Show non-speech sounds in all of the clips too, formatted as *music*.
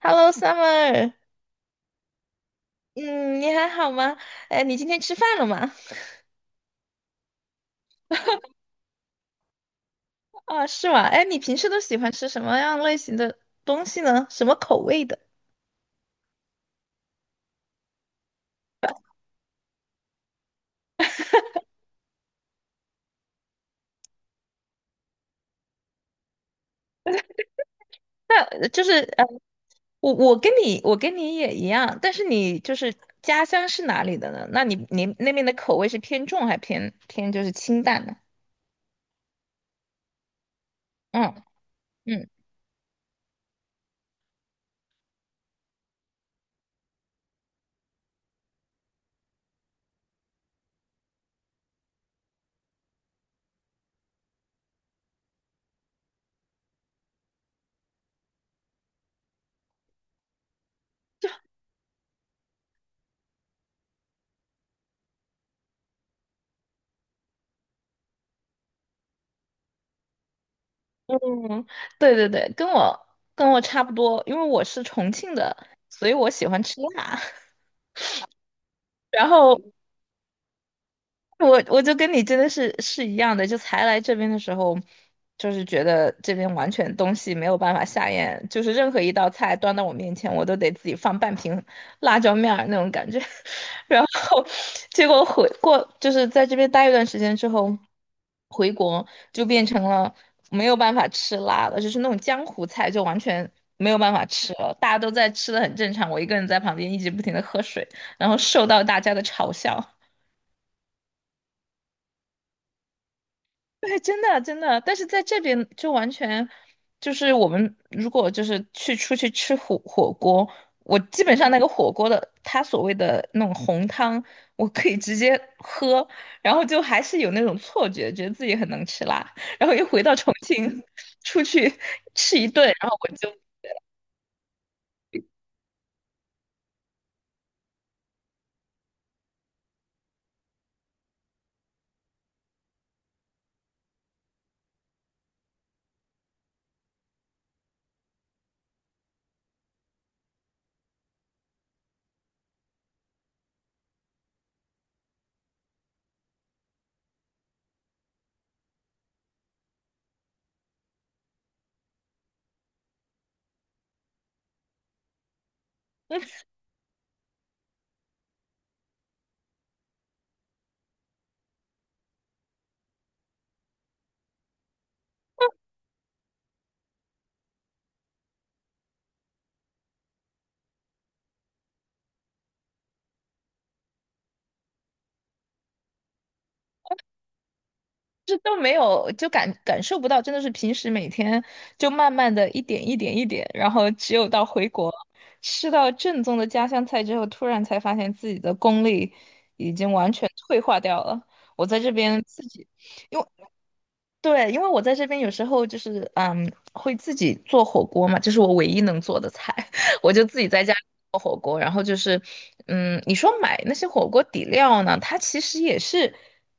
Hello, Summer。嗯，你还好吗？哎，你今天吃饭了吗？啊，是吗？哎，你平时都喜欢吃什么样类型的东西呢？什么口味的？那呃就是呃，我跟你也一样，但是你就是家乡是哪里的呢？那你那边的口味是偏重还就是清淡呢？嗯嗯嗯，对对对，跟我差不多，因为我是重庆的，所以我喜欢吃辣。*laughs* 然后我就跟你真的是一样的，就才来这边的时候，就是觉得这边完全东西没有办法下咽，就是任何一道菜端到我面前，我都得自己放半瓶辣椒面儿那种感觉。*laughs* 然后结果回过就是在这边待一段时间之后，回国就变成了没有办法吃辣了，就是那种江湖菜就完全没有办法吃了，大家都在吃的很正常，我一个人在旁边一直不停的喝水，然后受到大家的嘲笑。对，真的真的，但是在这边就完全就是我们如果就是去出去吃火锅，我基本上那个火锅的它所谓的那种红汤，我可以直接喝，然后就还是有那种错觉，觉得自己很能吃辣，*laughs* 然后一回到重庆 *laughs* 出去吃一顿，然后我就这都没有，就感受不到，真的是平时每天就慢慢的一点一点一点，然后只有到回国吃到正宗的家乡菜之后，突然才发现自己的功力已经完全退化掉了。我在这边自己，因为对，因为我在这边有时候就是嗯，会自己做火锅嘛，这是我唯一能做的菜，*laughs* 我就自己在家做火锅。然后就是，嗯，你说买那些火锅底料呢，它其实也是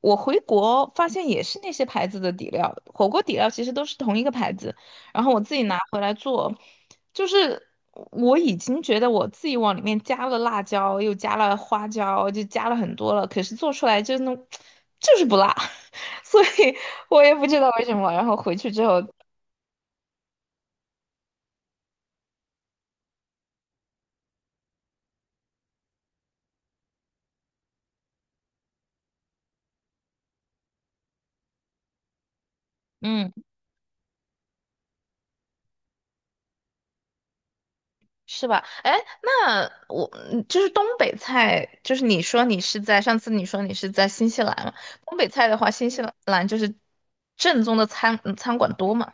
我回国发现也是那些牌子的底料，火锅底料其实都是同一个牌子。然后我自己拿回来做，就是我已经觉得我自己往里面加了辣椒，又加了花椒，就加了很多了，可是做出来就那种 *tsk* 就是不辣。*laughs* *laughs* 所以我也不知道为什么。然后回去之后，嗯，是吧？哎，那我嗯就是东北菜，你说你是在新西兰嘛？东北菜的话，新西兰就是正宗的餐馆多嘛？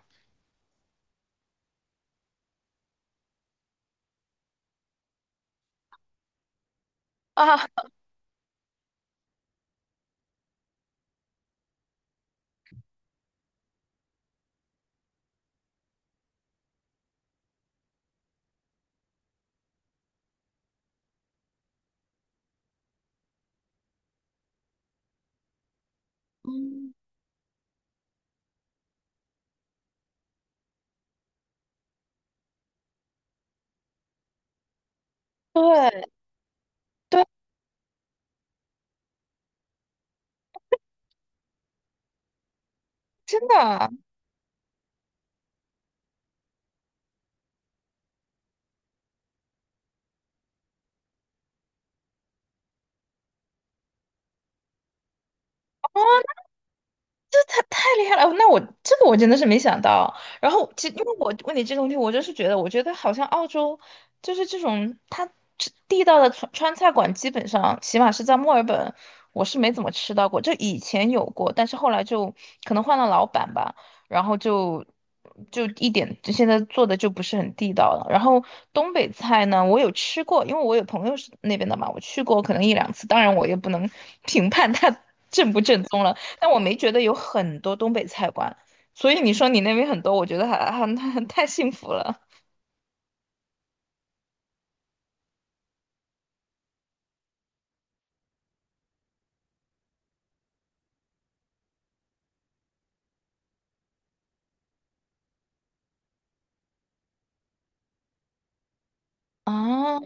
*laughs* 啊，嗯，对对，真的。这他太厉害了！那我这个我真的是没想到。然后，其实因为我问你这个问题，我就是觉得，我觉得好像澳洲就是这种它吃地道的川菜馆，基本上起码是在墨尔本，我是没怎么吃到过。就以前有过，但是后来就可能换了老板吧，然后就就一点就现在做的就不是很地道了。然后东北菜呢，我有吃过，因为我有朋友是那边的嘛，我去过可能一两次，当然我也不能评判它正不正宗了。但我没觉得有很多东北菜馆，所以你说你那边很多，我觉得还 *laughs* 太幸福了啊！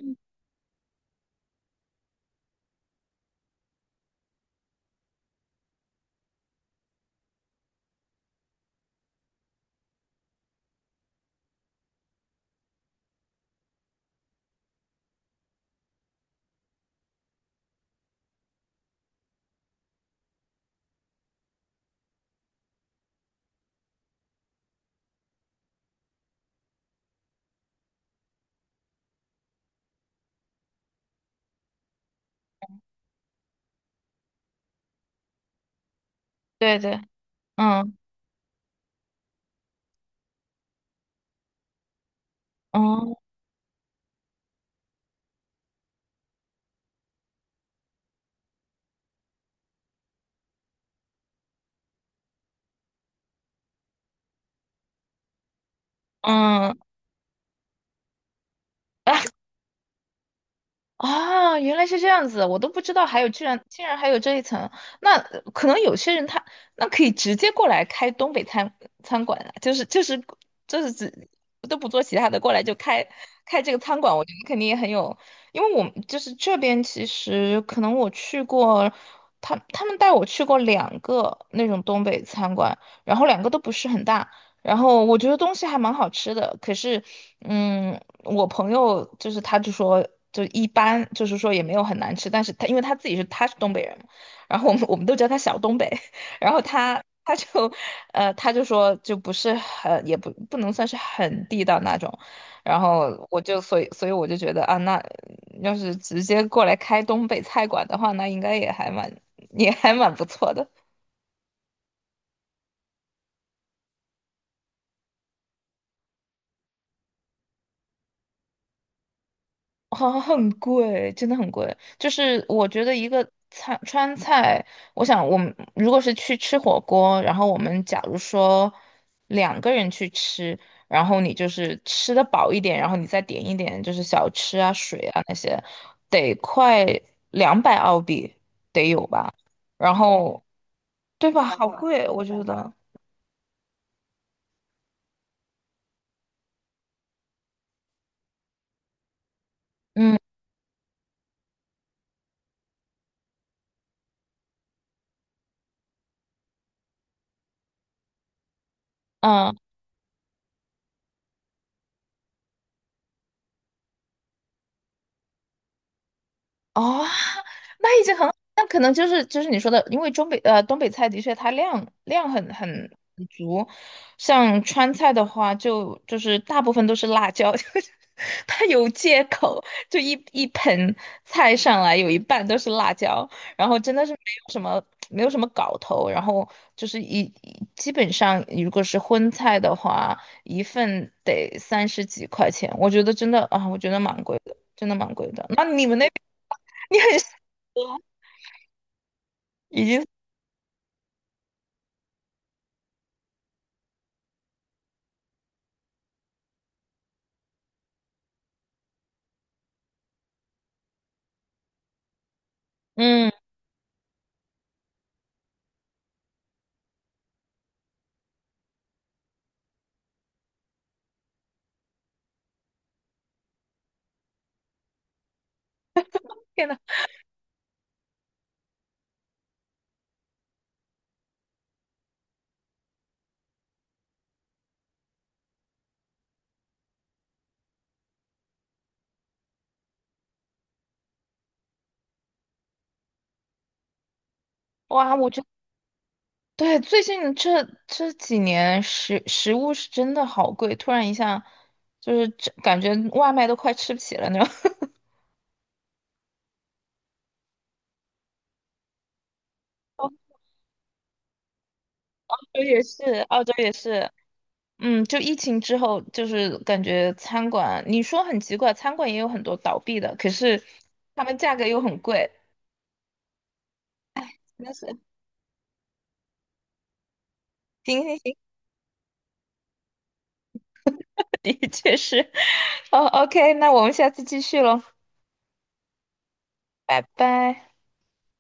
对对，嗯嗯嗯，啊，原来是这样子，我都不知道还有居然竟然还有这一层。那可能有些人他那可以直接过来开东北餐馆啊，只都不做其他的，过来就开开这个餐馆，我觉得肯定也很有，因为我们就是这边其实可能我去过，他们带我去过两个那种东北餐馆，然后两个都不是很大。然后我觉得东西还蛮好吃的，可是，嗯，我朋友就是他就说就一般，就是说也没有很难吃，但是他因为他是东北人嘛然后我们都叫他小东北，*laughs* 然后他就他就说就不是很也不不能算是很地道那种，然后我就所以我就觉得啊，那要是直接过来开东北菜馆的话，那应该也还蛮也还蛮不错的。好像很贵，真的很贵。就是我觉得一个菜川菜，我想我们如果是去吃火锅，然后我们假如说两个人去吃，然后你就是吃得饱一点，然后你再点一点就是小吃啊、水啊那些，得快200澳币得有吧？然后对吧？好贵，我觉得。嗯嗯。哦，那已经很好那可能就是你说的，因为东北菜的确它量很足，像川菜的话就是大部分都是辣椒，*laughs* 就是它有借口，就一盆菜上来有一半都是辣椒，然后真的是没有什么没有什么搞头，然后就是基本上如果是荤菜的话，一份得三十几块钱，我觉得真的啊，我觉得蛮贵的，真的蛮贵的。那你们那？*laughs* 你很幸福，已经嗯，*laughs* 天呐，哇！我觉得对最近这几年食物是真的好贵，突然一下就是这感觉外卖都快吃不起了那种。*laughs* 澳洲也是，澳洲也是，嗯，就疫情之后，就是感觉餐馆，你说很奇怪，餐馆也有很多倒闭的，可是他们价格又很贵，真的是。行行行，*laughs* 的确是。哦，OK，那我们下次继续喽，拜拜。